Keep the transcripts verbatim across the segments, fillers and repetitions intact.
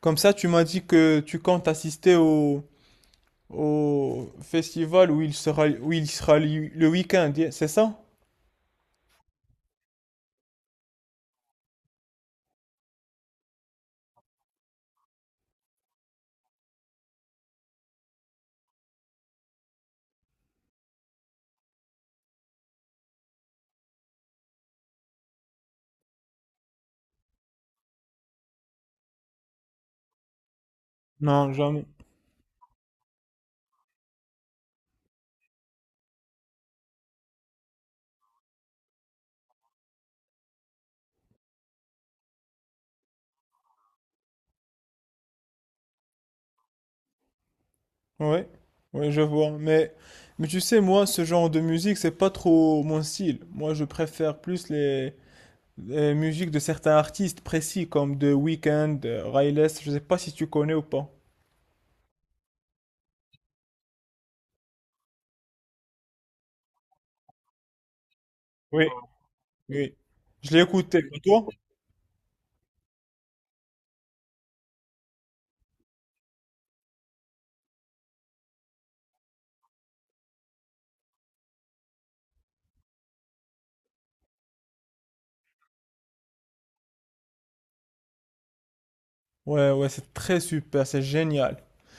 Comme ça, tu m'as dit que tu comptes assister au, au festival où il sera, où il sera li- le week-end, y- c'est ça? Non, jamais. Ouais, ouais, je vois. Mais, mais tu sais, moi, ce genre de musique, c'est pas trop mon style. Moi, je préfère plus les, les musiques de certains artistes précis, comme The Weeknd, euh, Riles. Je sais pas si tu connais ou pas. Oui, oui. Je l'ai écouté. Et toi? Ouais, ouais, c'est très super, c'est génial.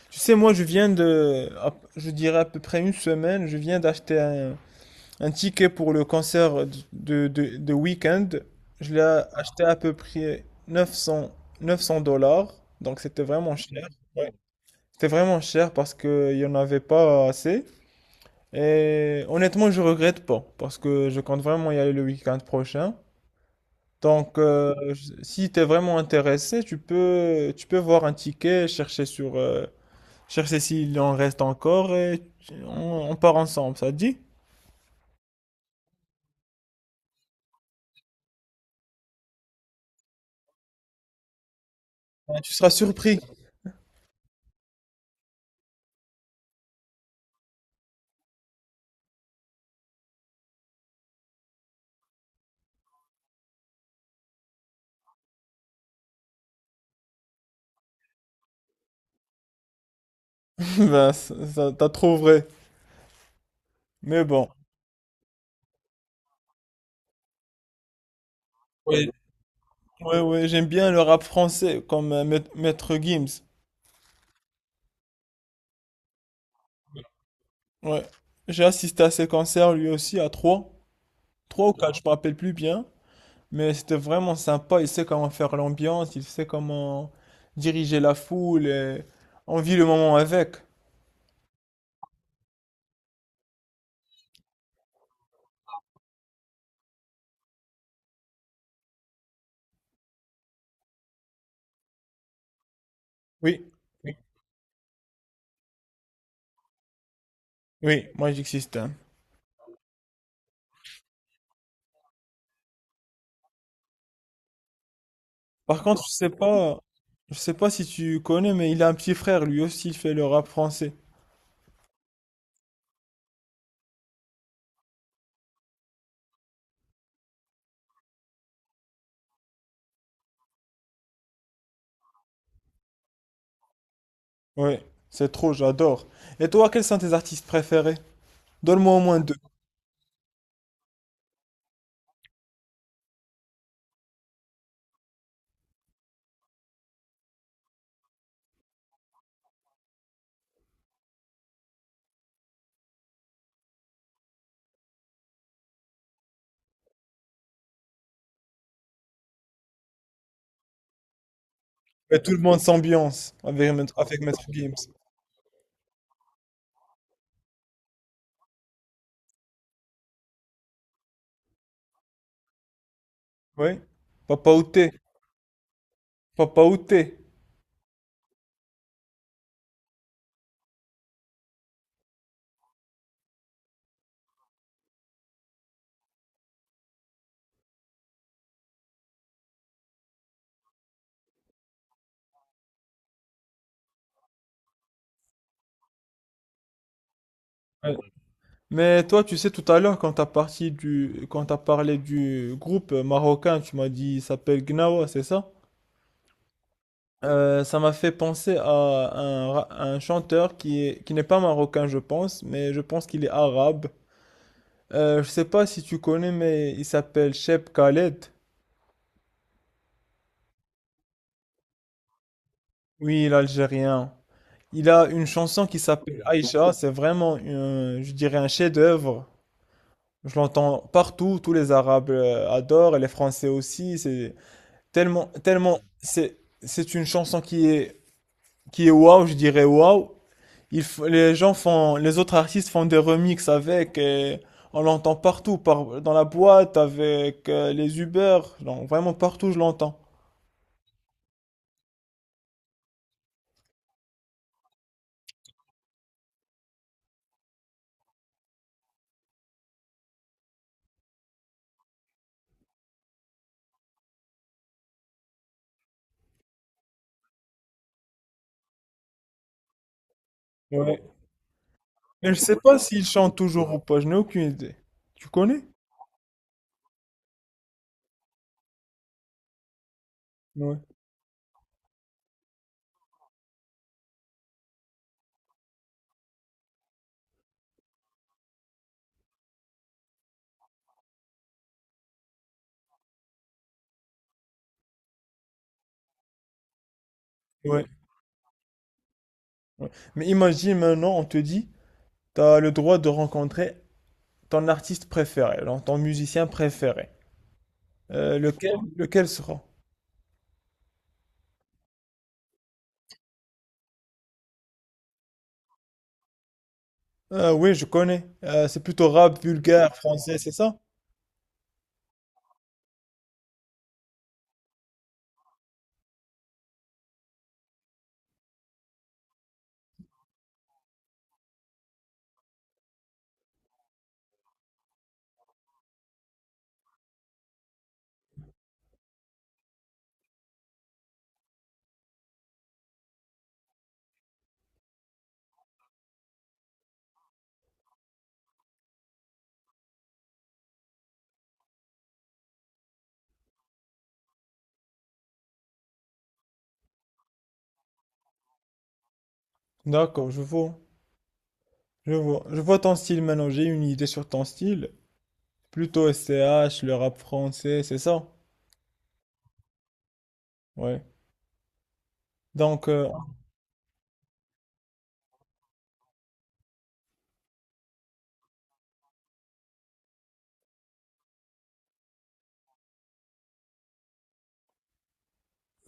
Tu sais, moi, je viens de, à- je dirais à peu près une semaine, je viens d'acheter un, un ticket pour le concert de, de, de week-end. Je l'ai acheté à peu près neuf cents neuf cents dollars, donc c'était vraiment cher. Ouais. C'était vraiment cher parce qu'il n'y en avait pas assez. Et honnêtement, je regrette pas parce que je compte vraiment y aller le week-end prochain. Donc, euh, si tu es vraiment intéressé, tu peux, tu peux voir un ticket, chercher sur, euh, chercher s'il en reste encore et tu- on, on part ensemble, ça te dit? Ben, tu seras surpris. Ben, ça, ça- t'as trop vrai. Mais bon. Ouais, ouais, ouais, j'aime bien le rap français, comme euh, Maît- Maître Gims. Ouais. J'ai assisté à ses concerts lui aussi à trois. Trois ou quatre, je me rappelle plus bien. Mais c'était vraiment sympa, il sait comment faire l'ambiance, il sait comment diriger la foule et on vit le moment avec. Oui, oui, oui, moi j'existe. Hein. Par contre, je sais pas, je sais pas si tu connais, mais il a un petit frère, lui aussi, il fait le rap français. Oui, c'est trop, j'adore. Et toi, quels sont tes artistes préférés? Donne-moi au moins deux. Et tout le monde s'ambiance avec, Maître- avec Maître Gims. Oui, Papa Outé, Papa Outé. Mais toi, tu sais, tout à l'heure, quand t'as parti du, quand t'as parlé du groupe marocain, tu m'as dit, il s'appelle Gnawa, c'est ça? Euh, ça m'a fait penser à un, ra- un chanteur qui est, qui n'est pas marocain, je pense, mais je pense qu'il est arabe. Euh, je sais pas si tu connais, mais il s'appelle Cheb Khaled. Oui, l'Algérien. Il a une chanson qui s'appelle Aïcha. C'est vraiment, un- je dirais, un chef-d'œuvre. Je l'entends partout. Tous les Arabes euh, adorent, et les Français aussi. C'est tellement, tellement, c'est, c'est une chanson qui est, qui est waouh, je dirais waouh. Il, f- les gens font, les autres artistes font des remixes avec et on l'entend partout, par, dans la boîte, avec euh, les Uber, non, vraiment partout je l'entends. Ouais. Mais je sais pas s'il chante toujours ou pas, je n'ai aucune idée. Tu connais? Ouais. Ouais. Ouais. Mais imagine maintenant, on te dit, t'as le droit de rencontrer ton artiste préféré, donc ton musicien préféré. Euh, lequel, lequel sera? Ah oui, je connais. Euh, c'est plutôt rap vulgaire français, c'est ça? D'accord, je vois. Je vois. Je vois ton style maintenant. J'ai une idée sur ton style. Plutôt S C H, le rap français, c'est ça? Ouais. Donc, euh,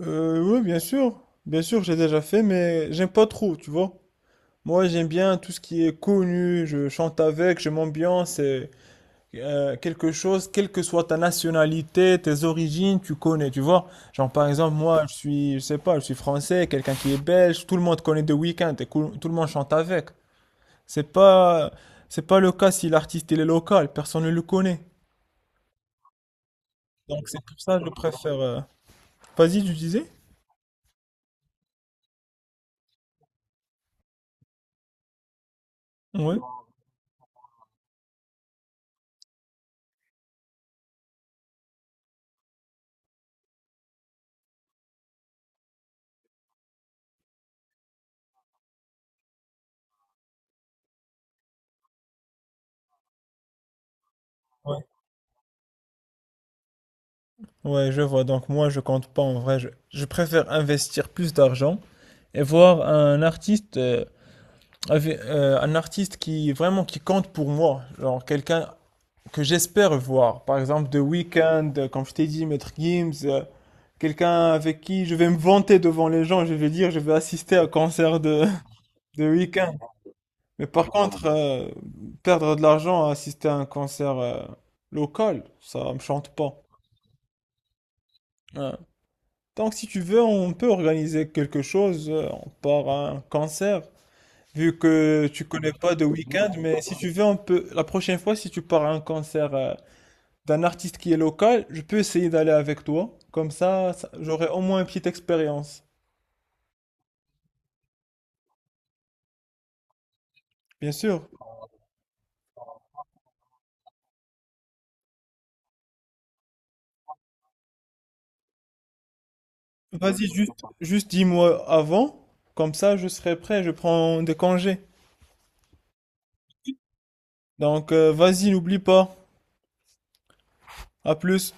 euh, oui, bien sûr. Bien sûr, j'ai déjà fait, mais j'aime pas trop, tu vois. Moi, j'aime bien tout ce qui est connu. Je chante avec, je m'ambiance. Euh, quelque chose, quelle que soit ta nationalité, tes origines, tu connais, tu vois. Genre, par exemple, moi, je suis, je sais pas, je suis français, quelqu'un qui est belge, tout le monde connaît The Weeknd et cou- tout le monde chante avec. C'est pas, c'est pas le cas si l'artiste il est local, personne ne le connaît. Donc, c'est pour ça que je préfère. Euh, vas-y, tu disais? Ouais. Ouais. Ouais, je vois. Donc, moi, je compte pas en vrai. Je, je préfère investir plus d'argent et voir un artiste. Euh, avec, euh, un artiste qui vraiment qui compte pour moi, genre quelqu'un que j'espère voir. Par exemple, The Weeknd, euh, comme je t'ai dit, Maître Gims, euh, quelqu'un avec qui je vais me vanter devant les gens, je vais dire, je vais assister à un concert de, de Weeknd. Mais par contre, euh, perdre de l'argent à assister à un concert euh, local, ça me chante pas. Ouais. Donc, si tu veux, on peut organiser quelque chose, euh, on part à un concert. Vu que tu connais pas The Weeknd, mais si tu veux, on peut, la prochaine fois, si tu pars à un concert, euh, d'un artiste qui est local, je peux essayer d'aller avec toi. Comme ça, ça- j'aurai au moins une petite expérience. Bien sûr. Vas-y, juste, juste dis-moi avant. Comme ça, je serai prêt. Je prends des congés. Donc, euh, vas-y, n'oublie pas. À plus.